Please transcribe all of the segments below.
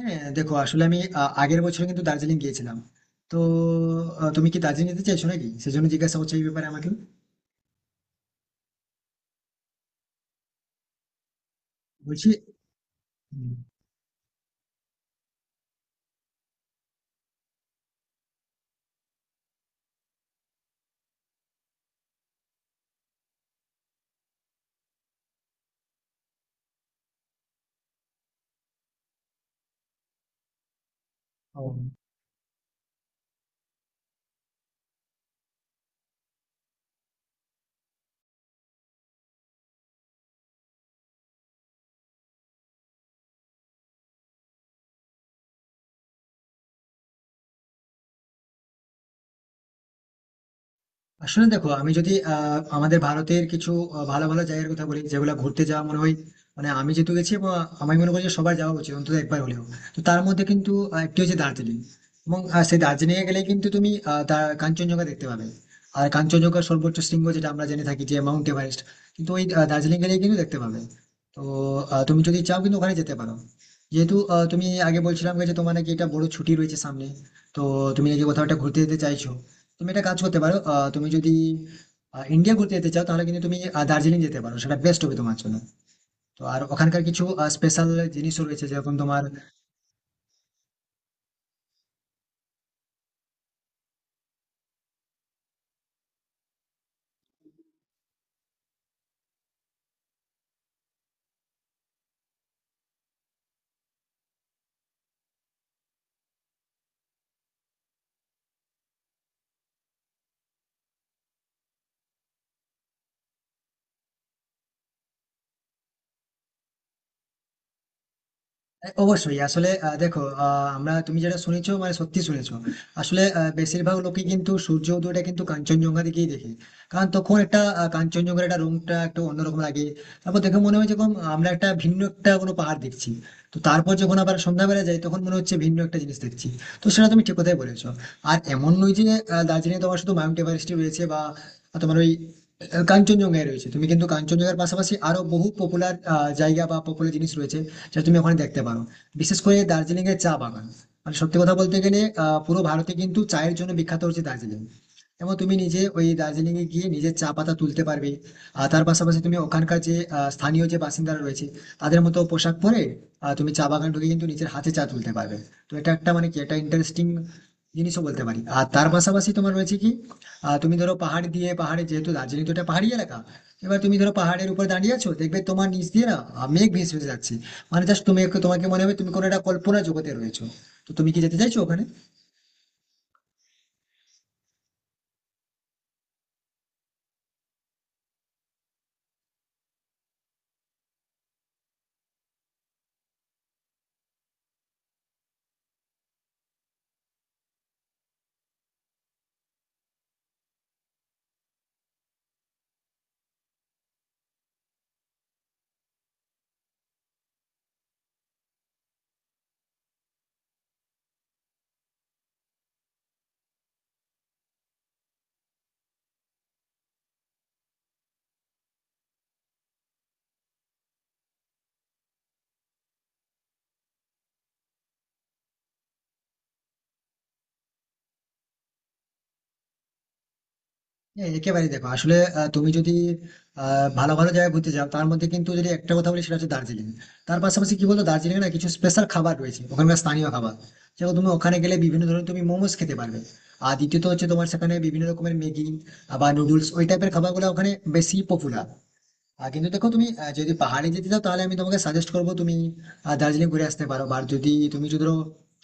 হ্যাঁ, দেখো, আসলে আমি আগের বছর কিন্তু দার্জিলিং গিয়েছিলাম। তো তুমি কি দার্জিলিং যেতে চাইছো নাকি সেজন্য জিজ্ঞাসা করছো এই ব্যাপারে আমাকে বলছি? হুম। ও, আসলে দেখো, আমি যদি আমাদের ভারতের কিছু ভালো ভালো জায়গার কথা বলি যেগুলো ঘুরতে যাওয়া মনে হয়, মানে আমি যেহেতু গেছি এবং আমি মনে করি যে সবার যাওয়া উচিত অন্তত একবার হলেও। তো তার মধ্যে কিন্তু একটি হচ্ছে দার্জিলিং। এবং সেই দার্জিলিং এ গেলে কিন্তু তুমি কাঞ্চনজঙ্ঘা দেখতে পাবে। আর কাঞ্চনজঙ্ঘার সর্বোচ্চ শৃঙ্গ যেটা আমরা জেনে থাকি যে মাউন্ট এভারেস্ট, কিন্তু ওই দার্জিলিং গেলে কিন্তু দেখতে পাবে। তো তুমি যদি চাও কিন্তু ওখানে যেতে পারো, যেহেতু তুমি আগে বলছিলাম যে তোমার নাকি একটা বড় ছুটি রয়েছে সামনে। তো তুমি নাকি কোথাও একটা ঘুরতে যেতে চাইছো। তুমি একটা কাজ করতে পারো, তুমি যদি ইন্ডিয়া ঘুরতে যেতে চাও তাহলে কিন্তু তুমি দার্জিলিং যেতে পারো, সেটা বেস্ট হবে তোমার জন্য। তো আর ওখানকার কিছু স্পেশাল জিনিসও রয়েছে যেরকম তোমার। এ, অবশ্যই, আসলে দেখো, আমরা তুমি যেটা শুনেছো মানে সত্যি শুনেছো। আসলে বেশিরভাগ লোকে কিন্তু সূর্য উদয়টা কিন্তু কাঞ্চনজঙ্ঘা দিকেই দেখে, কারণ তখন একটা কাঞ্চনজঙ্ঘার একটা রংটা একটু অন্যরকম লাগে। তারপর দেখে মনে হয় যেরকম আমরা একটা ভিন্ন একটা কোনো পাহাড় দেখছি। তো তারপর যখন আবার সন্ধ্যাবেলা যাই তখন মনে হচ্ছে ভিন্ন একটা জিনিস দেখছি। তো সেটা তুমি ঠিক কথাই বলেছো। আর এমন নয় যে দার্জিলিং তোমার শুধু মাউন্ট এভারেস্ট রয়েছে, বা তোমার ওই কাঞ্চনজঙ্ঘায় রয়েছে। তুমি কিন্তু কাঞ্চনজঙ্ঘার পাশাপাশি আরো বহু পপুলার জায়গা বা পপুলার জিনিস রয়েছে যা তুমি ওখানে দেখতে পারো। বিশেষ করে দার্জিলিং এর চা বাগান, মানে সত্যি কথা বলতে গেলে পুরো ভারতে কিন্তু চায়ের জন্য বিখ্যাত হচ্ছে দার্জিলিং। এবং তুমি নিজে ওই দার্জিলিং এ গিয়ে নিজের চা পাতা তুলতে পারবে। আর তার পাশাপাশি তুমি ওখানকার যে স্থানীয় যে বাসিন্দারা রয়েছে তাদের মতো পোশাক পরে তুমি চা বাগান ঢুকে কিন্তু নিজের হাতে চা তুলতে পারবে। তো এটা একটা মানে কি একটা ইন্টারেস্টিং জিনিসও বলতে পারি। আর তার পাশাপাশি তোমার রয়েছে কি, তুমি ধরো পাহাড় দিয়ে পাহাড়ে, যেহেতু দার্জিলিং তো একটা পাহাড়ি এলাকা। এবার তুমি ধরো পাহাড়ের উপর দাঁড়িয়ে আছো, দেখবে তোমার নিচ দিয়ে না মেঘ ভেসে ভেসে যাচ্ছে। মানে জাস্ট তুমি তোমাকে মনে হবে তুমি কোনো একটা কল্পনা জগতে রয়েছো। তো তুমি কি যেতে চাইছো ওখানে? হ্যাঁ, একেবারেই, দেখো আসলে তুমি যদি ভালো ভালো জায়গায় ঘুরতে যাও তার মধ্যে কিন্তু যদি একটা কথা বলি সেটা হচ্ছে দার্জিলিং। তার পাশাপাশি কি বলতো, দার্জিলিং না কিছু স্পেশাল খাবার রয়েছে, ওখানকার স্থানীয় খাবার। যেমন তুমি ওখানে গেলে বিভিন্ন ধরনের তুমি মোমোস খেতে পারবে। আর দ্বিতীয়ত হচ্ছে তোমার সেখানে বিভিন্ন রকমের ম্যাগি বা নুডলস, ওই টাইপের খাবারগুলো ওখানে বেশি পপুলার। কিন্তু দেখো তুমি যদি পাহাড়ে যেতে চাও তাহলে আমি তোমাকে সাজেস্ট করবো তুমি দার্জিলিং ঘুরে আসতে পারো। আর যদি তুমি যদি ধরো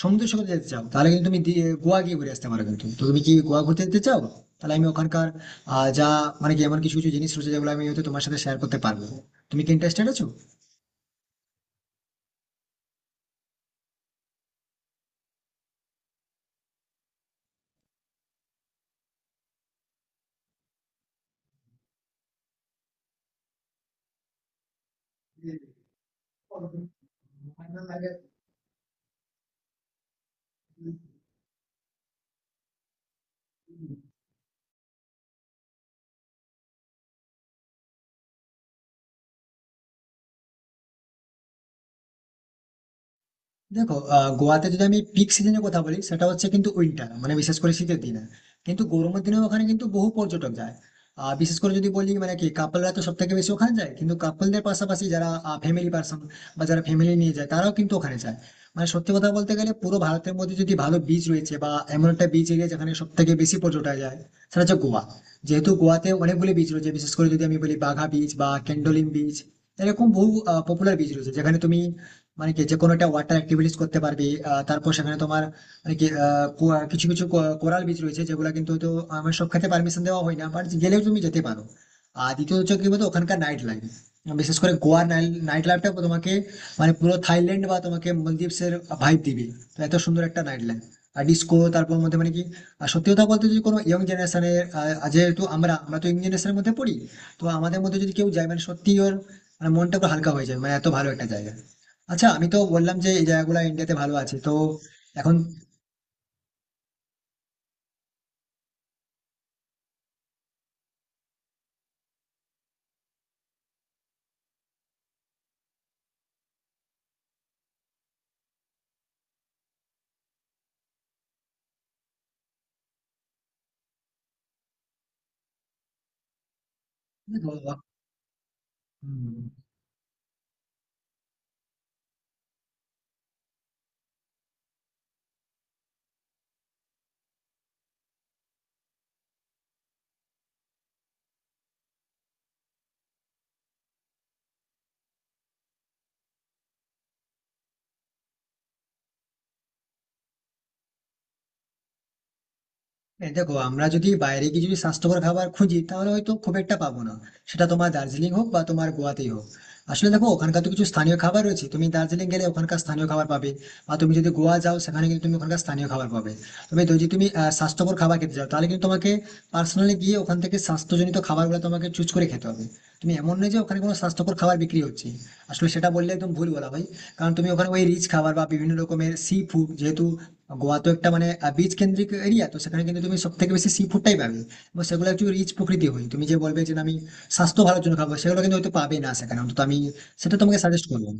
সমুদ্র সৈকতে যেতে চাও তাহলে কিন্তু তুমি গোয়া গিয়ে ঘুরে আসতে পারো কিন্তু। তো তুমি কি গোয়া ঘুরতে যেতে চাও? তাহলে আমি ওখানকার যা মানে কি এমন কিছু কিছু জিনিস রয়েছে যেগুলো আমি হয়তো তোমার সাথে শেয়ার করতে পারবো। তুমি কি ইন্টারেস্টেড আছো? দেখো, গোয়াতে যদি আমি পিক সিজনের কথা বলি সেটা হচ্ছে কিন্তু উইন্টার, মানে বিশেষ করে শীতের দিনে। কিন্তু গরমের দিনে ওখানে কিন্তু বহু পর্যটক যায়। বিশেষ করে যদি বলি মানে কি কাপলরা তো সব থেকে বেশি ওখানে যায়, কিন্তু কাপলদের পাশাপাশি যারা ফ্যামিলি পার্সন বা যারা ফ্যামিলি নিয়ে যায় তারাও কিন্তু ওখানে যায়। মানে সত্যি কথা বলতে গেলে পুরো ভারতের মধ্যে যদি ভালো বিচ রয়েছে বা এমন একটা বিচ এরিয়া যেখানে সব থেকে বেশি পর্যটক যায়, সেটা হচ্ছে গোয়া। যেহেতু গোয়াতে অনেকগুলি বিচ রয়েছে, বিশেষ করে যদি আমি বলি বাঘা বিচ বা ক্যান্ডোলিম বিচ, এরকম বহু পপুলার বিচ রয়েছে যেখানে তুমি মানে কি যে কোনো একটা ওয়াটার অ্যাক্টিভিটিস করতে পারবি। তারপর সেখানে তোমার মানে কি কিছু কিছু কোরাল বিচ রয়েছে যেগুলো কিন্তু হয়তো আমার সব ক্ষেত্রে পারমিশন দেওয়া হয় না, বাট গেলেও তুমি যেতে পারো। আর দ্বিতীয় হচ্ছে কি বলতো ওখানকার নাইট লাইফ, বিশেষ করে গোয়ার নাইট লাইফটা তোমাকে মানে পুরো থাইল্যান্ড বা তোমাকে মালদ্বীপস এর ভাইব দিবে। তো এত সুন্দর একটা নাইট লাইফ আর ডিস্কো তারপর মধ্যে মানে কি। আর সত্যি কথা বলতে যদি কোনো ইয়ং জেনারেশনের, যেহেতু আমরা আমরা তো ইয়ং জেনারেশনের মধ্যে পড়ি। তো আমাদের মধ্যে যদি কেউ যায় মানে সত্যি ওর মানে মনটা একটু হালকা হয়ে যায়, মানে এত ভালো একটা জায়গা। আচ্ছা, আমি তো বললাম যে এই জায়গাগুলো ইন্ডিয়াতে ভালো আছে তো এখন দেখো। হুম। এই দেখো, আমরা যদি বাইরে গিয়ে যদি স্বাস্থ্যকর খাবার খুঁজি তাহলে হয়তো খুব একটা পাবো না, সেটা তোমার দার্জিলিং হোক বা তোমার গোয়াতেই হোক। আসলে দেখো, ওখানকার তো কিছু স্থানীয় খাবার রয়েছে, তুমি দার্জিলিং গেলে ওখানকার স্থানীয় খাবার পাবে বা তুমি যদি গোয়া যাও সেখানে কিন্তু তুমি ওখানকার স্থানীয় খাবার পাবে। তবে যদি তুমি স্বাস্থ্যকর খাবার খেতে চাও তাহলে কিন্তু তোমাকে পার্সোনালি গিয়ে ওখান থেকে স্বাস্থ্যজনিত খাবারগুলো তোমাকে চুজ করে খেতে হবে। তুমি এমন নয় যে ওখানে কোনো স্বাস্থ্যকর খাবার বিক্রি হচ্ছে, আসলে সেটা বললে একদম ভুল বলা ভাই। কারণ তুমি ওখানে ওই রিচ খাবার বা বিভিন্ন রকমের সি ফুড, যেহেতু গোয়া তো একটা মানে বিচ কেন্দ্রিক এরিয়া, তো সেখানে কিন্তু তুমি সব থেকে বেশি সি ফুডটাই পাবে। এবং সেগুলো একটু রিচ প্রকৃতি হয়, তুমি যে বলবে যে না, আমি স্বাস্থ্য ভালোর জন্য খাবো, সেগুলো কিন্তু হয়তো পাবে না সেখানে, অন্তত আমি সেটা তোমাকে সাজেস্ট করবো।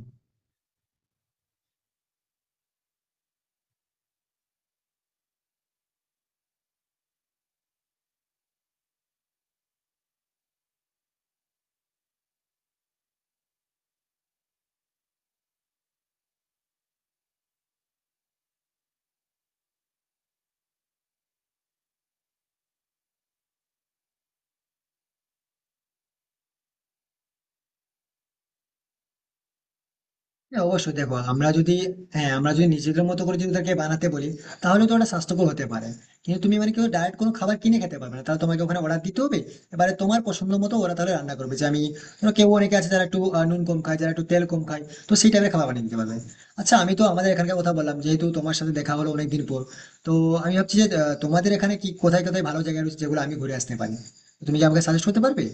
হ্যাঁ, অবশ্যই দেখো আমরা যদি, হ্যাঁ আমরা যদি নিজেদের মতো করে যদি তাকে বানাতে বলি তাহলে তো ওটা স্বাস্থ্যকর হতে পারে। কিন্তু তুমি মানে কেউ ডায়েট কোনো খাবার কিনে খেতে পারবে না, তাহলে তোমাকে ওখানে অর্ডার দিতে হবে। এবারে তোমার পছন্দ মতো ওরা তাহলে রান্না করবে যে আমি ধরো কেউ, অনেকে আছে যারা একটু নুন কম খায়, যারা একটু তেল কম খায়, তো সেই টাইপের খাবার বানিয়ে দিতে পারবে। আচ্ছা, আমি তো আমাদের এখানকার কথা বললাম, যেহেতু তোমার সাথে দেখা হলো অনেকদিন পর। তো আমি ভাবছি যে তোমাদের এখানে কি কোথায় কোথায় ভালো জায়গা রয়েছে যেগুলো আমি ঘুরে আসতে পারি। তো তুমি কি আমাকে সাজেস্ট করতে পারবে?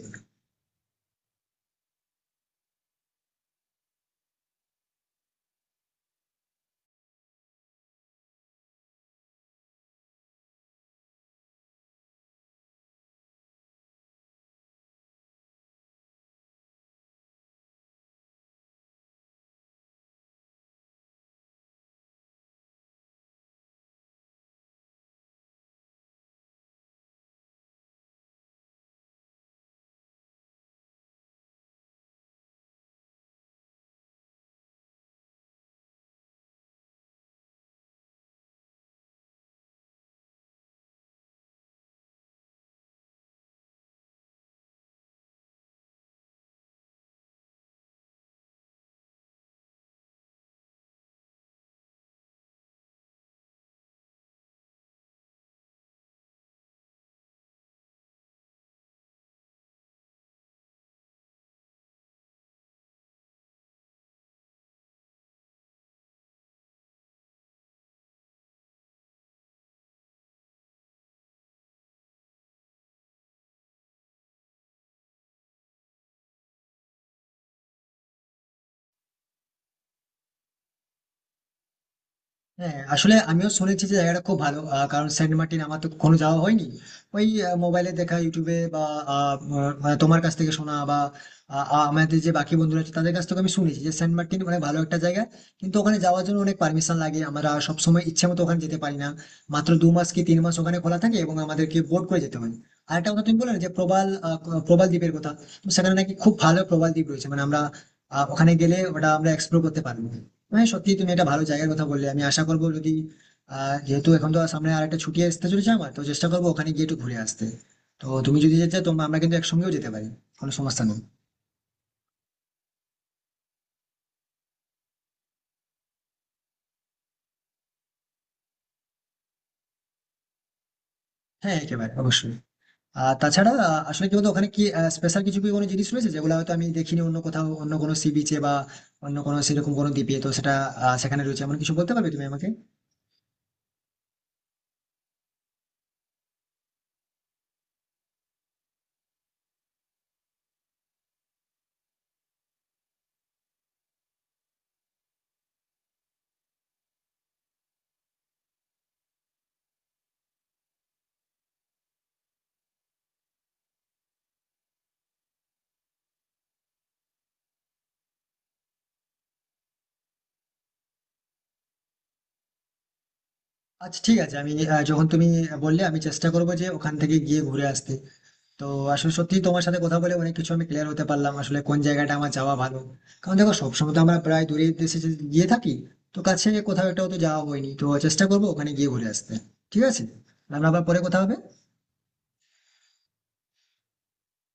হ্যাঁ আসলে আমিও শুনেছি যে জায়গাটা খুব ভালো, কারণ সেন্ট মার্টিন আমার তো কখনো যাওয়া হয়নি। ওই মোবাইলে দেখা, ইউটিউবে বা মানে তোমার কাছ থেকে শোনা বা আহ, আহ, আমাদের যে বাকি বন্ধুরা আছে তাদের কাছ থেকে আমি শুনেছি যে সেন্ট মার্টিন অনেক ভালো একটা জায়গা। কিন্তু ওখানে যাওয়ার জন্য অনেক পারমিশন লাগে, আমরা সবসময় ইচ্ছে মতো ওখানে যেতে পারি না। মাত্র 2 মাস কি 3 মাস ওখানে খোলা থাকে এবং আমাদেরকে বোট করে যেতে হয়। আর একটা কথা তুমি বললে না যে প্রবাল প্রবাল দ্বীপের কথা। তো সেখানে নাকি খুব ভালো প্রবাল দ্বীপ রয়েছে মানে আমরা ওখানে গেলে ওটা আমরা এক্সপ্লোর করতে পারবো। হ্যাঁ সত্যি তুমি একটা ভালো জায়গার কথা বললে, আমি আশা করবো যদি, যেহেতু এখন তো সামনে আর একটা ছুটি আসতে চলেছে আমার, তো চেষ্টা করবো ওখানে গিয়ে একটু ঘুরে আসতে। তো তুমি যদি যেতে চাও তোমরা, আমরা কিন্তু একসঙ্গেও যেতে পারি, কোনো সমস্যা নেই। হ্যাঁ, একেবারে অবশ্যই। আর তাছাড়া আসলে কি বলতো, ওখানে কি স্পেশাল কিছু কি কোনো জিনিস রয়েছে যেগুলো হয়তো আমি দেখিনি অন্য কোথাও, অন্য কোনো সি বিচে বা অন্য কোনো সেরকম কোনো দ্বীপে, তো সেটা সেখানে রয়েছে এমন কিছু বলতে পারবে তুমি আমাকে? আচ্ছা ঠিক আছে, আমি যখন তুমি বললে আমি চেষ্টা করবো যে ওখান থেকে গিয়ে ঘুরে আসতে। তো আসলে সত্যি তোমার সাথে কথা বলে অনেক কিছু আমি ক্লিয়ার হতে পারলাম আসলে কোন জায়গাটা আমার যাওয়া ভালো। কারণ দেখো সবসময় তো আমরা প্রায় দূরের দেশে গিয়ে থাকি, তো কাছে কোথাও একটা তো যাওয়া হয়নি, তো চেষ্টা করবো ওখানে গিয়ে ঘুরে আসতে। ঠিক আছে, তাহলে আবার পরে কথা হবে।